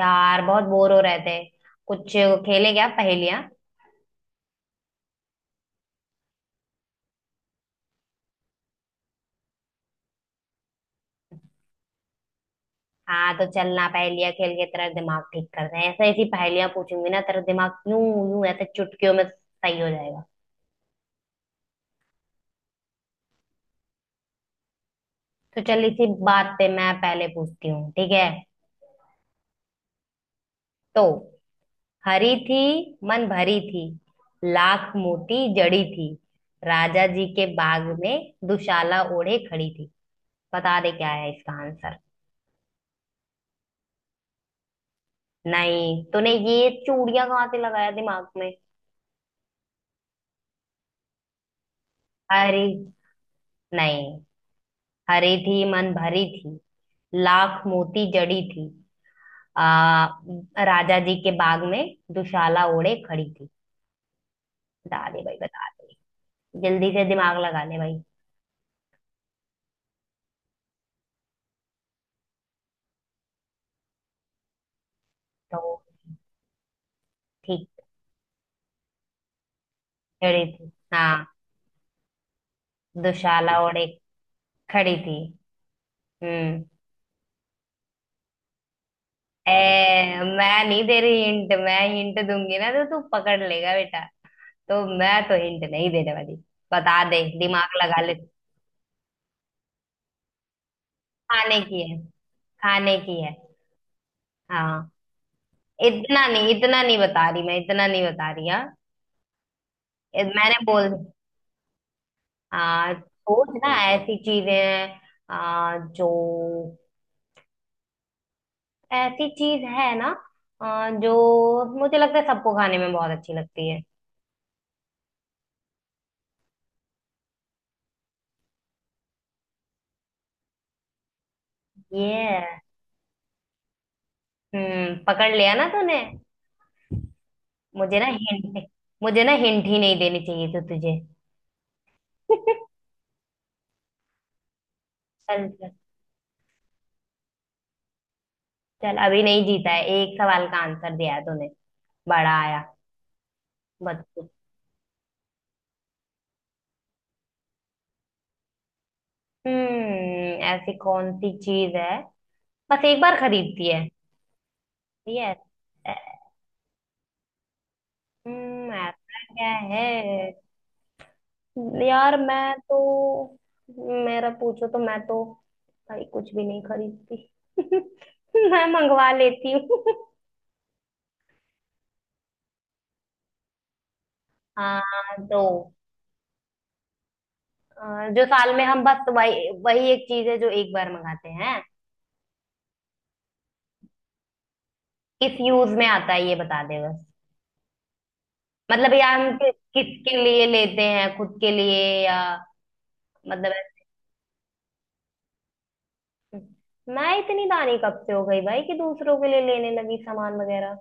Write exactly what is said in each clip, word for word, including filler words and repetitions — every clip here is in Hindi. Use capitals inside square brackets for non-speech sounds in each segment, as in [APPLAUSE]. यार बहुत बोर हो रहे थे। कुछ खेले क्या पहेलियां? हाँ तो चलना पहेलियां खेल के तेरा दिमाग ठीक कर रहे हैं। ऐसा ऐसी पहेलियां पूछूंगी ना तेरा दिमाग यूं यूं ऐसे चुटकियों में सही हो जाएगा। तो चल इसी बात पे मैं पहले पूछती हूँ, ठीक है? तो हरी थी, मन भरी थी, लाख मोती जड़ी थी, राजा जी के बाग में दुशाला ओढ़े खड़ी थी। बता दे क्या है इसका आंसर। नहीं, तूने ये चूड़ियां कहाँ से लगाया दिमाग में? अरे नहीं। हरी थी, मन भरी थी, लाख मोती जड़ी थी, आ, राजा जी के बाग में दुशाला ओढ़े खड़ी थी। बता दे भाई, बता दे। जल्दी से दिमाग लगा ले भाई। तो ठीक। खड़ी थी हाँ। दुशाला ओढ़े खड़ी थी। हम्म। ए, मैं नहीं दे रही हिंट। मैं हिंट दूंगी ना तो तू पकड़ लेगा बेटा। तो मैं तो हिंट नहीं देने वाली। बता दे, दिमाग लगा ले। खाने की है, खाने की है। हाँ। इतना नहीं, इतना नहीं बता रही मैं, इतना नहीं बता रही हाँ। इ- मैंने बोल। हाँ सोच ना, ऐसी चीजें हैं। आ, जो ऐसी चीज है ना। आ, जो मुझे लगता है सबको खाने में बहुत अच्छी लगती है। ये है। हम्म, पकड़ लिया ना तूने। मुझे ना हिंट, मुझे ना हिंट ही नहीं देनी चाहिए थी तुझे। [LAUGHS] चल चल। चल अभी नहीं जीता है, एक सवाल का आंसर दिया है तूने। बड़ा आया। बता। हम्म, ऐसी कौन सी चीज है? बस एक बार खरीदती है। ठीक है। ऐ- हम्म, ऐसा क्या है? यार मैं तो, मेरा पूछो तो मैं तो, भाई कुछ भी नहीं खरीदती। [LAUGHS] मैं मंगवा लेती हूँ। हाँ। तो अ, जो साल में हम बस वही वही एक चीज है जो एक बार मंगाते हैं। किस यूज में आता है ये बता दे बस। मतलब यार हम कि, किसके लिए लेते हैं? खुद के लिए या मतलब। मैं इतनी दानी कब से हो गई भाई कि दूसरों के लिए लेने लगी सामान वगैरह।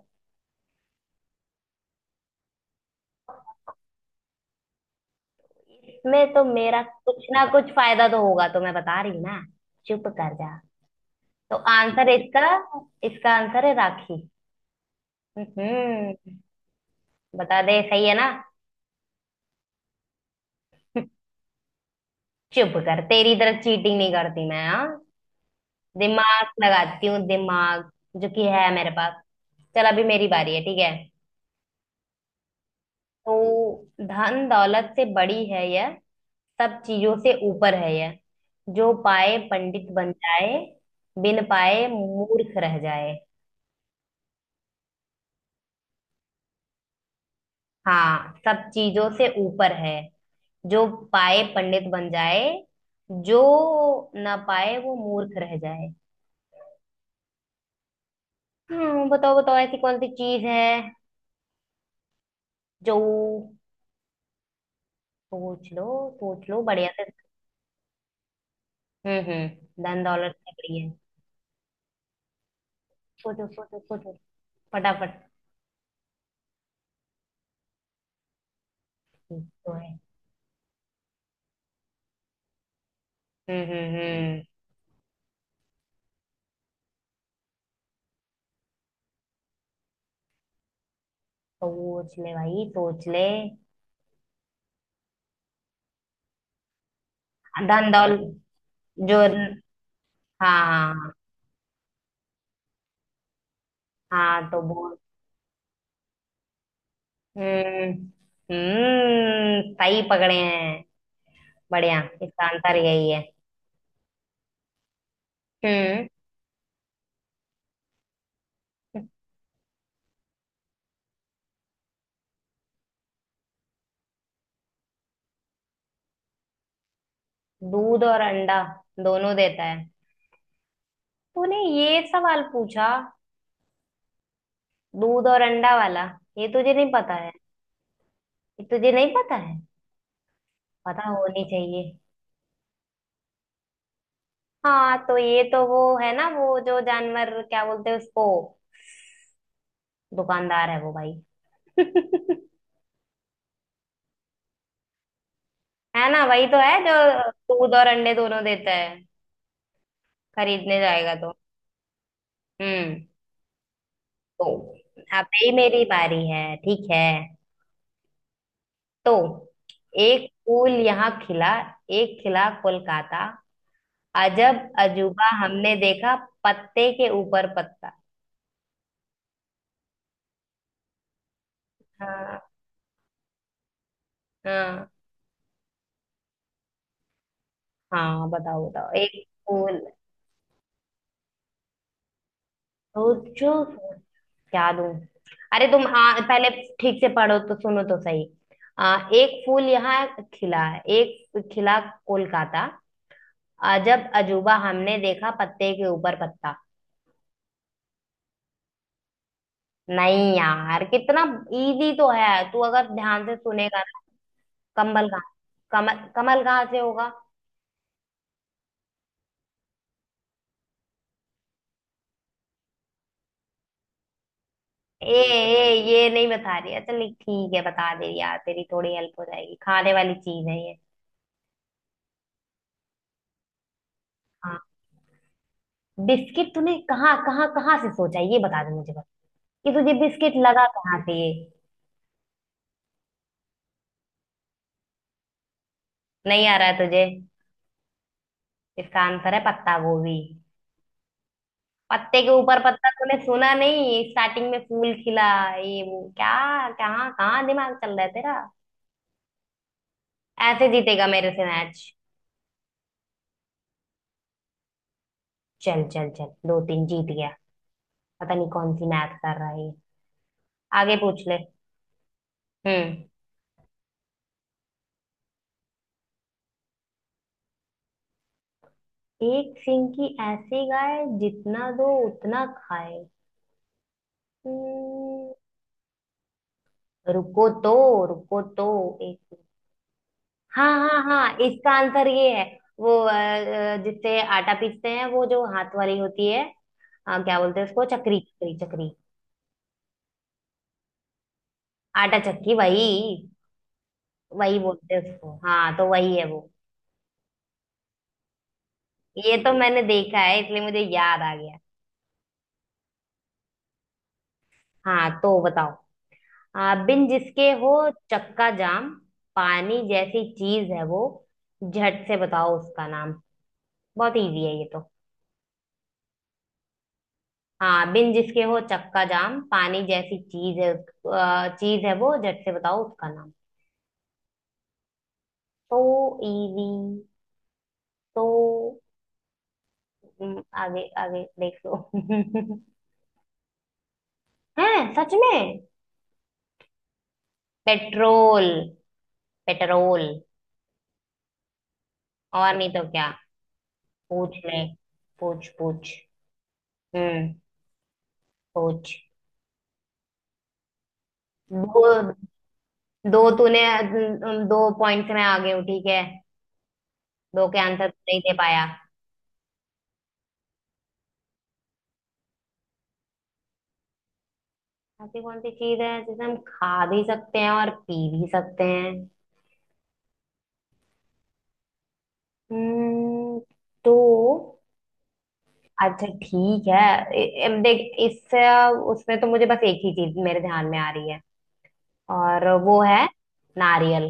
इसमें तो मेरा कुछ ना कुछ फायदा तो होगा तो मैं बता रही हूँ ना। चुप कर जा। तो आंसर इसका, इसका आंसर है राखी। हम्म, बता दे सही है ना। चुप कर, तेरी तरह चीटिंग नहीं करती मैं हाँ। दिमाग लगाती हूँ दिमाग, जो कि है मेरे पास। चल अभी मेरी बारी है, ठीक है? तो धन दौलत से बड़ी है यह, सब चीजों से ऊपर है यह। जो पाए पंडित बन जाए, बिन पाए मूर्ख रह जाए। हाँ सब चीजों से ऊपर है। जो पाए पंडित बन जाए, जो ना पाए वो मूर्ख रह जाए। हम्म, बताओ बताओ ऐसी कौन सी चीज है जो। सोच लो, सोच लो बढ़िया से। हम्म हम्म। धन दौलत से बड़ी है। सोचो सोचो सोचो फटाफट। हम्म, तो है। हम्म हम्म हम्म। सोच ले भाई, सोच ले। धन दौलत। जो। हाँ हाँ हाँ। तो बोल। हम्म, हम्म सही पकड़े हैं। बढ़िया, इसका आंसर यही है। हम्म। दूध और अंडा दोनों देता है? तूने ये सवाल पूछा? दूध और अंडा वाला, ये तुझे नहीं पता है? ये तुझे नहीं पता है? पता होनी चाहिए। हाँ तो ये तो वो है ना, वो जो जानवर क्या बोलते हैं उसको। दुकानदार है वो भाई। [LAUGHS] है ना, वही तो है जो दूध और अंडे दोनों देता है। खरीदने जाएगा तो। हम्म। तो अब ही मेरी बारी है, ठीक है? तो एक फूल यहाँ खिला, एक खिला कोलकाता। अजब अजूबा हमने देखा, पत्ते के ऊपर पत्ता। हाँ हाँ। हाँ बताओ बताओ। एक फूल। सोचो। क्या दूं? अरे तुम आ, पहले ठीक से पढ़ो तो, सुनो तो सही। आ, एक फूल यहाँ खिला, एक खिला कोलकाता। अजब अजूबा हमने देखा, पत्ते के ऊपर पत्ता। नहीं यार, कितना इजी तो है, तू अगर ध्यान से सुनेगा ना। कमल कहाँ? कमल, कमल कहाँ से होगा? ए ए, ये नहीं बता रही है। चल ठीक है बता दे यार, तेरी थोड़ी हेल्प हो जाएगी। खाने वाली चीज है ये। हाँ। बिस्किट? तूने कहाँ कहाँ कहाँ से सोचा है? ये बता दे मुझे बस। ये तुझे बिस्किट लगा कहाँ से ये? नहीं आ रहा है तुझे। इसका आंसर है पत्ता गोभी। पत्ते के ऊपर पत्ता, तूने सुना नहीं स्टार्टिंग में फूल खिला। ये वो क्या, कहाँ कहाँ दिमाग चल रहा है तेरा? ऐसे जीतेगा मेरे से मैच? चल चल चल, दो तीन जीत गया। पता नहीं कौन सी मैथ कर रहा है ये। आगे पूछ ले। हम्म। एक सिंह की ऐसी गाय, जितना दो उतना खाए। हम्म, रुको तो, रुको तो। एक, हाँ हाँ हाँ, इसका आंसर ये है वो अ, अ, जिससे आटा पीसते हैं, वो जो हाथ वाली होती है। हाँ क्या बोलते हैं उसको? चक्री चक्री चक्री। आटा चक्की, वही वही बोलते हैं उसको। हाँ तो वही है वो। ये तो मैंने देखा है इसलिए मुझे याद आ गया। हाँ तो बताओ। आ, बिन जिसके हो चक्का जाम, पानी जैसी चीज है वो, झट से बताओ उसका नाम। बहुत इजी है ये तो। हाँ बिन जिसके हो चक्का जाम, पानी जैसी चीज है अ, चीज है वो, झट से बताओ उसका नाम। तो इजी। तो हम्म, आगे आगे देख लो। [LAUGHS] है सच में। Petrol, petrol. और नहीं तो क्या। पूछ ले, पूछ पूछ। हम्म। पूछ। दो, दो तूने अम, दो पॉइंट से मैं आगे हूँ, ठीक है? दो के आंसर नहीं दे पाया। ऐसी कौन सी चीज है जिसे हम खा भी सकते हैं और पी भी सकते हैं? हम्म, तो। अच्छा ठीक है। ए- अब देख, इस उसमें तो मुझे बस एक ही चीज मेरे ध्यान में आ रही है, और वो है नारियल।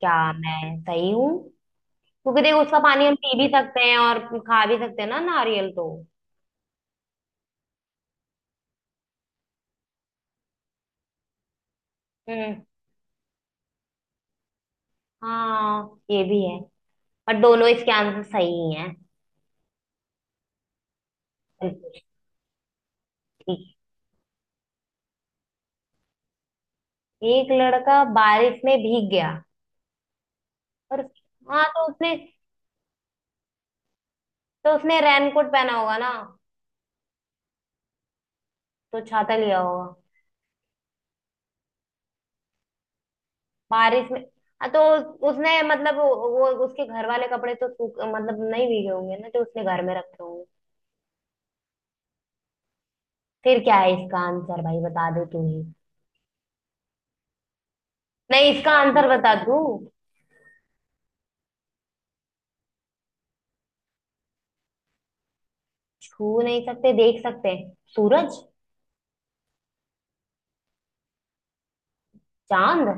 क्या मैं सही हूँ? क्योंकि देख उसका पानी हम पी भी सकते हैं और खा भी सकते हैं ना नारियल तो। हम्म। हाँ ये भी है, पर दोनों इसके आंसर सही ही हैं। बिल्कुल। ठीक। एक लड़का बारिश में भीग गया, और हाँ तो उसने, तो उसने रेनकोट पहना होगा ना। तो छाता लिया होगा बारिश में। हाँ तो उसने मतलब वो, वो- उसके घर वाले कपड़े तो सूख, मतलब नहीं भीगे होंगे ना, तो उसने घर में रखे होंगे। फिर क्या है इसका आंसर भाई, बता दे तू ही। नहीं इसका आंसर बता दू। छू नहीं सकते, देख सकते हैं। सूरज, चांद।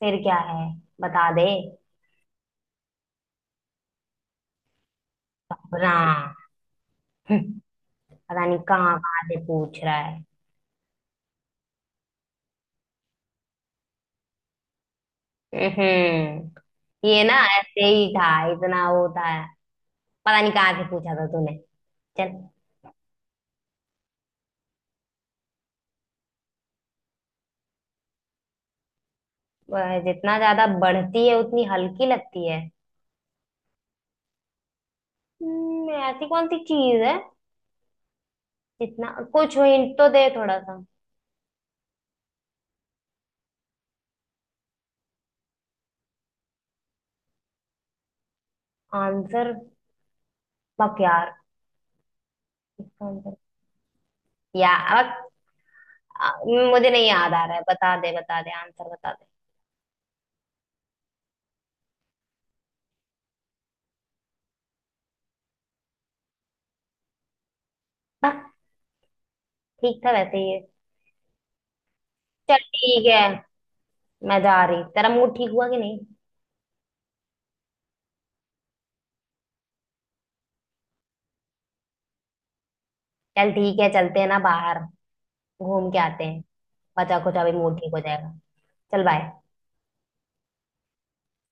फिर क्या है, बता दे। अपना, पता नहीं कहाँ कहाँ से पूछ रहा है। हम्म। ये ना ऐसे ही था, इतना वो था। पता नहीं कहाँ से पूछा था तूने। चल। वह जितना ज्यादा बढ़ती है उतनी हल्की लगती है। हम्म, ऐसी कौन सी चीज है? जितना कुछ हिंट तो दे थोड़ा सा। आंसर बक यार, इसका आंसर या बक। आ, मुझे नहीं याद आ रहा है, बता दे, बता दे आंसर बता दे। बक। ठीक था वैसे ये। चल ठीक है, मैं जा रही। तेरा मूड ठीक हुआ कि नहीं? चल ठीक है चलते हैं ना बाहर, घूम के आते हैं। बचा खुचा भी मूड ठीक हो जाएगा। चल बाय।